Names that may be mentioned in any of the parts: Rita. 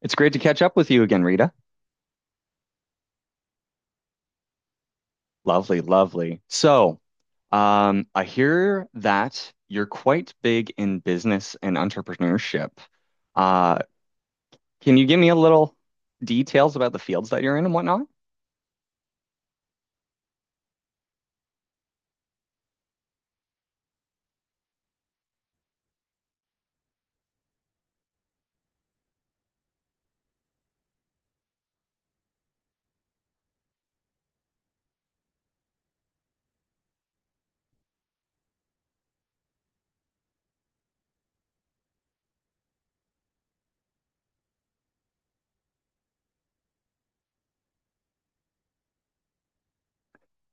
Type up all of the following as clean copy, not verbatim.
It's great to catch up with you again, Rita. Lovely, lovely. I hear that you're quite big in business and entrepreneurship. Uh, can you give me a little details about the fields that you're in and whatnot?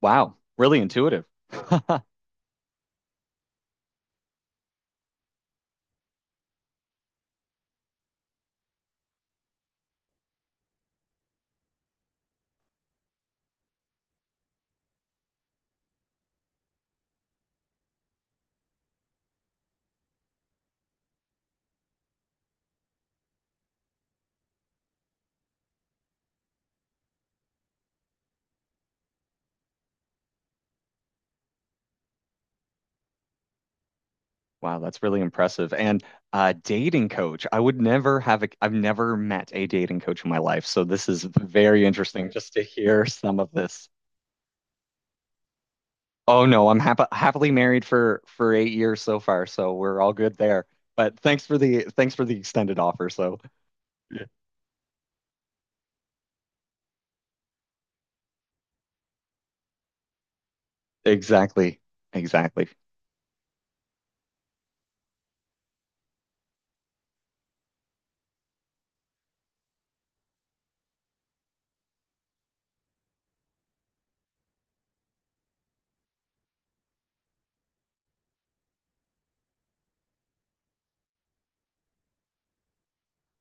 Wow, really intuitive. Wow, that's really impressive. And dating coach. I've never met a dating coach in my life, so this is very interesting just to hear some of this. Oh no, I'm happily married for 8 years so far, so we're all good there. But thanks for the extended offer. So yeah, exactly, exactly,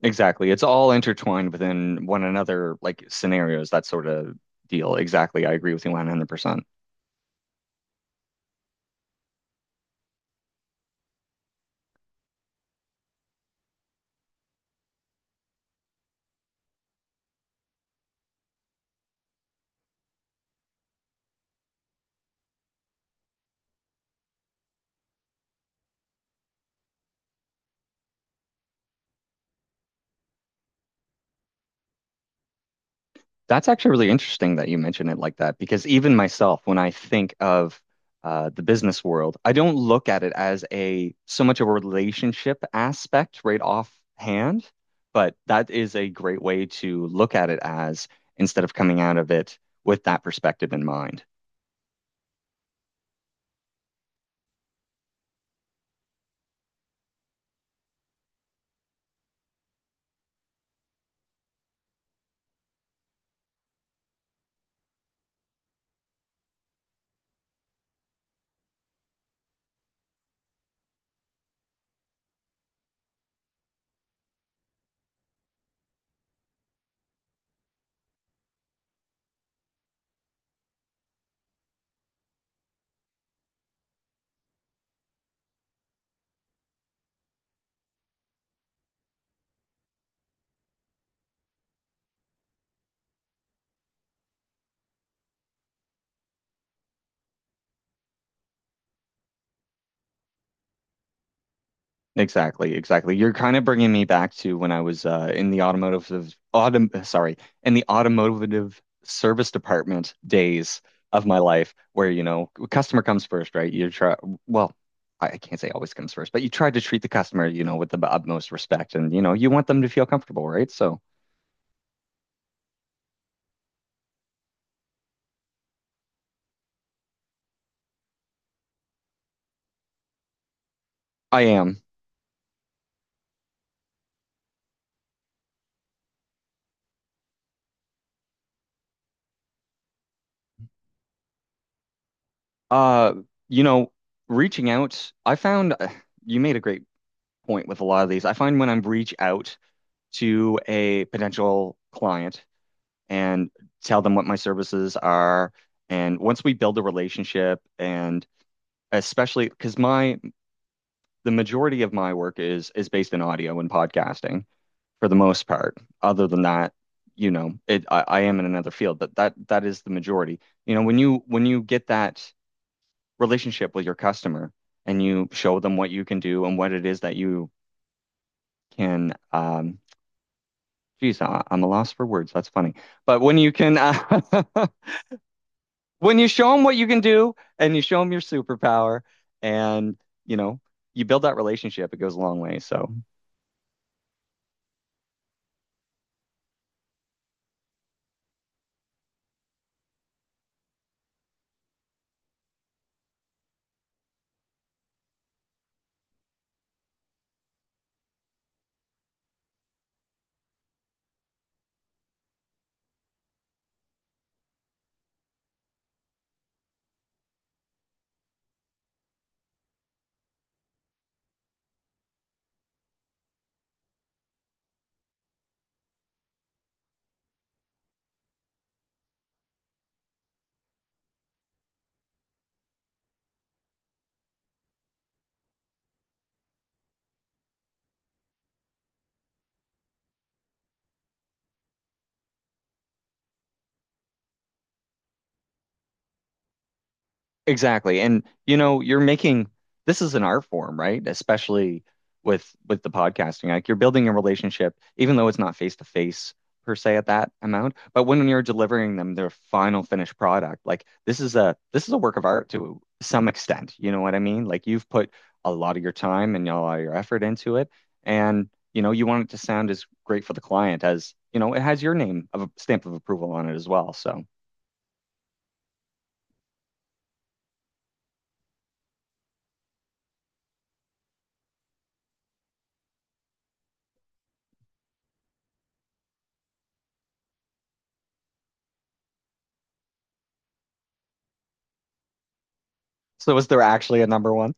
exactly. It's all intertwined within one another, like scenarios, that sort of deal. Exactly, I agree with you 100%. That's actually really interesting that you mention it like that because even myself, when I think of the business world, I don't look at it as a so much of a relationship aspect right offhand, but that is a great way to look at it as instead of coming out of it with that perspective in mind. Exactly, exactly. You're kind of bringing me back to when I was in the in the automotive service department days of my life, where you know, customer comes first, right? Well, I can't say always comes first, but you try to treat the customer, you know, with the utmost respect, and you know, you want them to feel comfortable, right? So I am, uh, you know, reaching out. I found you made a great point with a lot of these. I find when I'm reach out to a potential client, and tell them what my services are. And once we build a relationship and especially because my the majority of my work is based in audio and podcasting for the most part. Other than that, you know, I am in another field, but that is the majority. You know, when you get that relationship with your customer and you show them what you can do and what it is that you can geez, I'm a loss for words. That's funny. But when you can when you show them what you can do and you show them your superpower, and you know, you build that relationship, it goes a long way. So exactly. And you know, you're making, this is an art form, right? Especially with the podcasting. Like you're building a relationship, even though it's not face to face per se at that amount. But when you're delivering them their final finished product, like this is a work of art to some extent. You know what I mean? Like you've put a lot of your time and a lot of your effort into it. And you know, you want it to sound as great for the client as, you know, it has your name of a stamp of approval on it as well. So so is there actually a number one?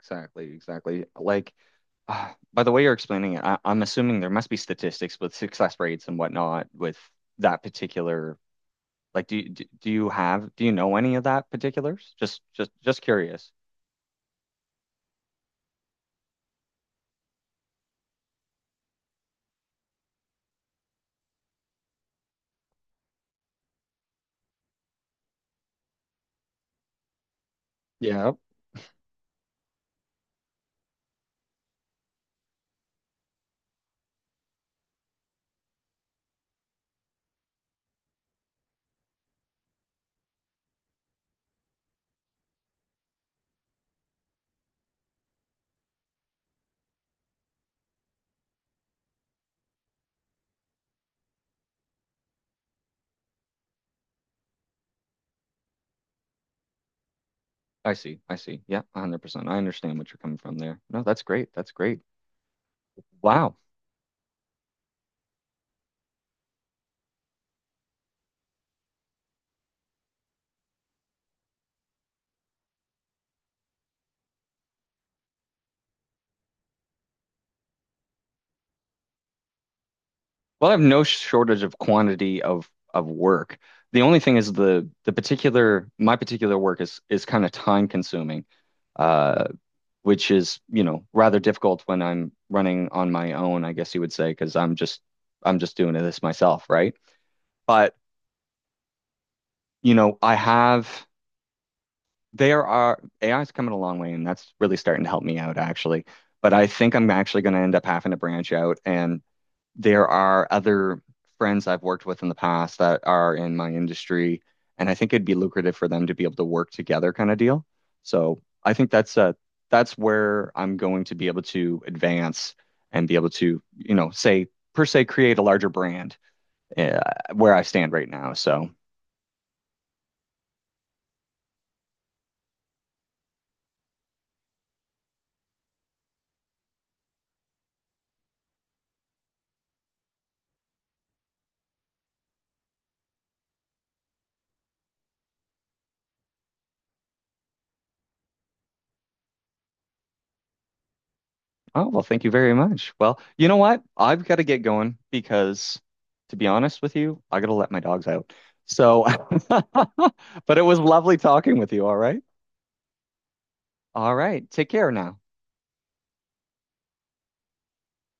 Exactly, exactly. Like, by the way you're explaining it, I'm assuming there must be statistics with success rates and whatnot with that particular. Like, do you have, do you know any of that particulars? Just curious. Yeah, I see, I see. Yeah, 100%. I understand what you're coming from there. No, that's great. That's great. Wow. Well, I have no shortage of quantity of work. The only thing is the particular my particular work is kind of time consuming. Uh, which is, you know, rather difficult when I'm running on my own, I guess you would say, because I'm just doing this myself, right? But, you know, I have there are AI's coming a long way and that's really starting to help me out actually. But I think I'm actually going to end up having to branch out, and there are other friends I've worked with in the past that are in my industry, and I think it'd be lucrative for them to be able to work together kind of deal. So I think that's where I'm going to be able to advance and be able to, you know, say per se create a larger brand uh, where I stand right now. So, oh well, thank you very much. Well, you know what? I've got to get going because to be honest with you, I got to let my dogs out. So, but it was lovely talking with you, all right? All right. Take care now.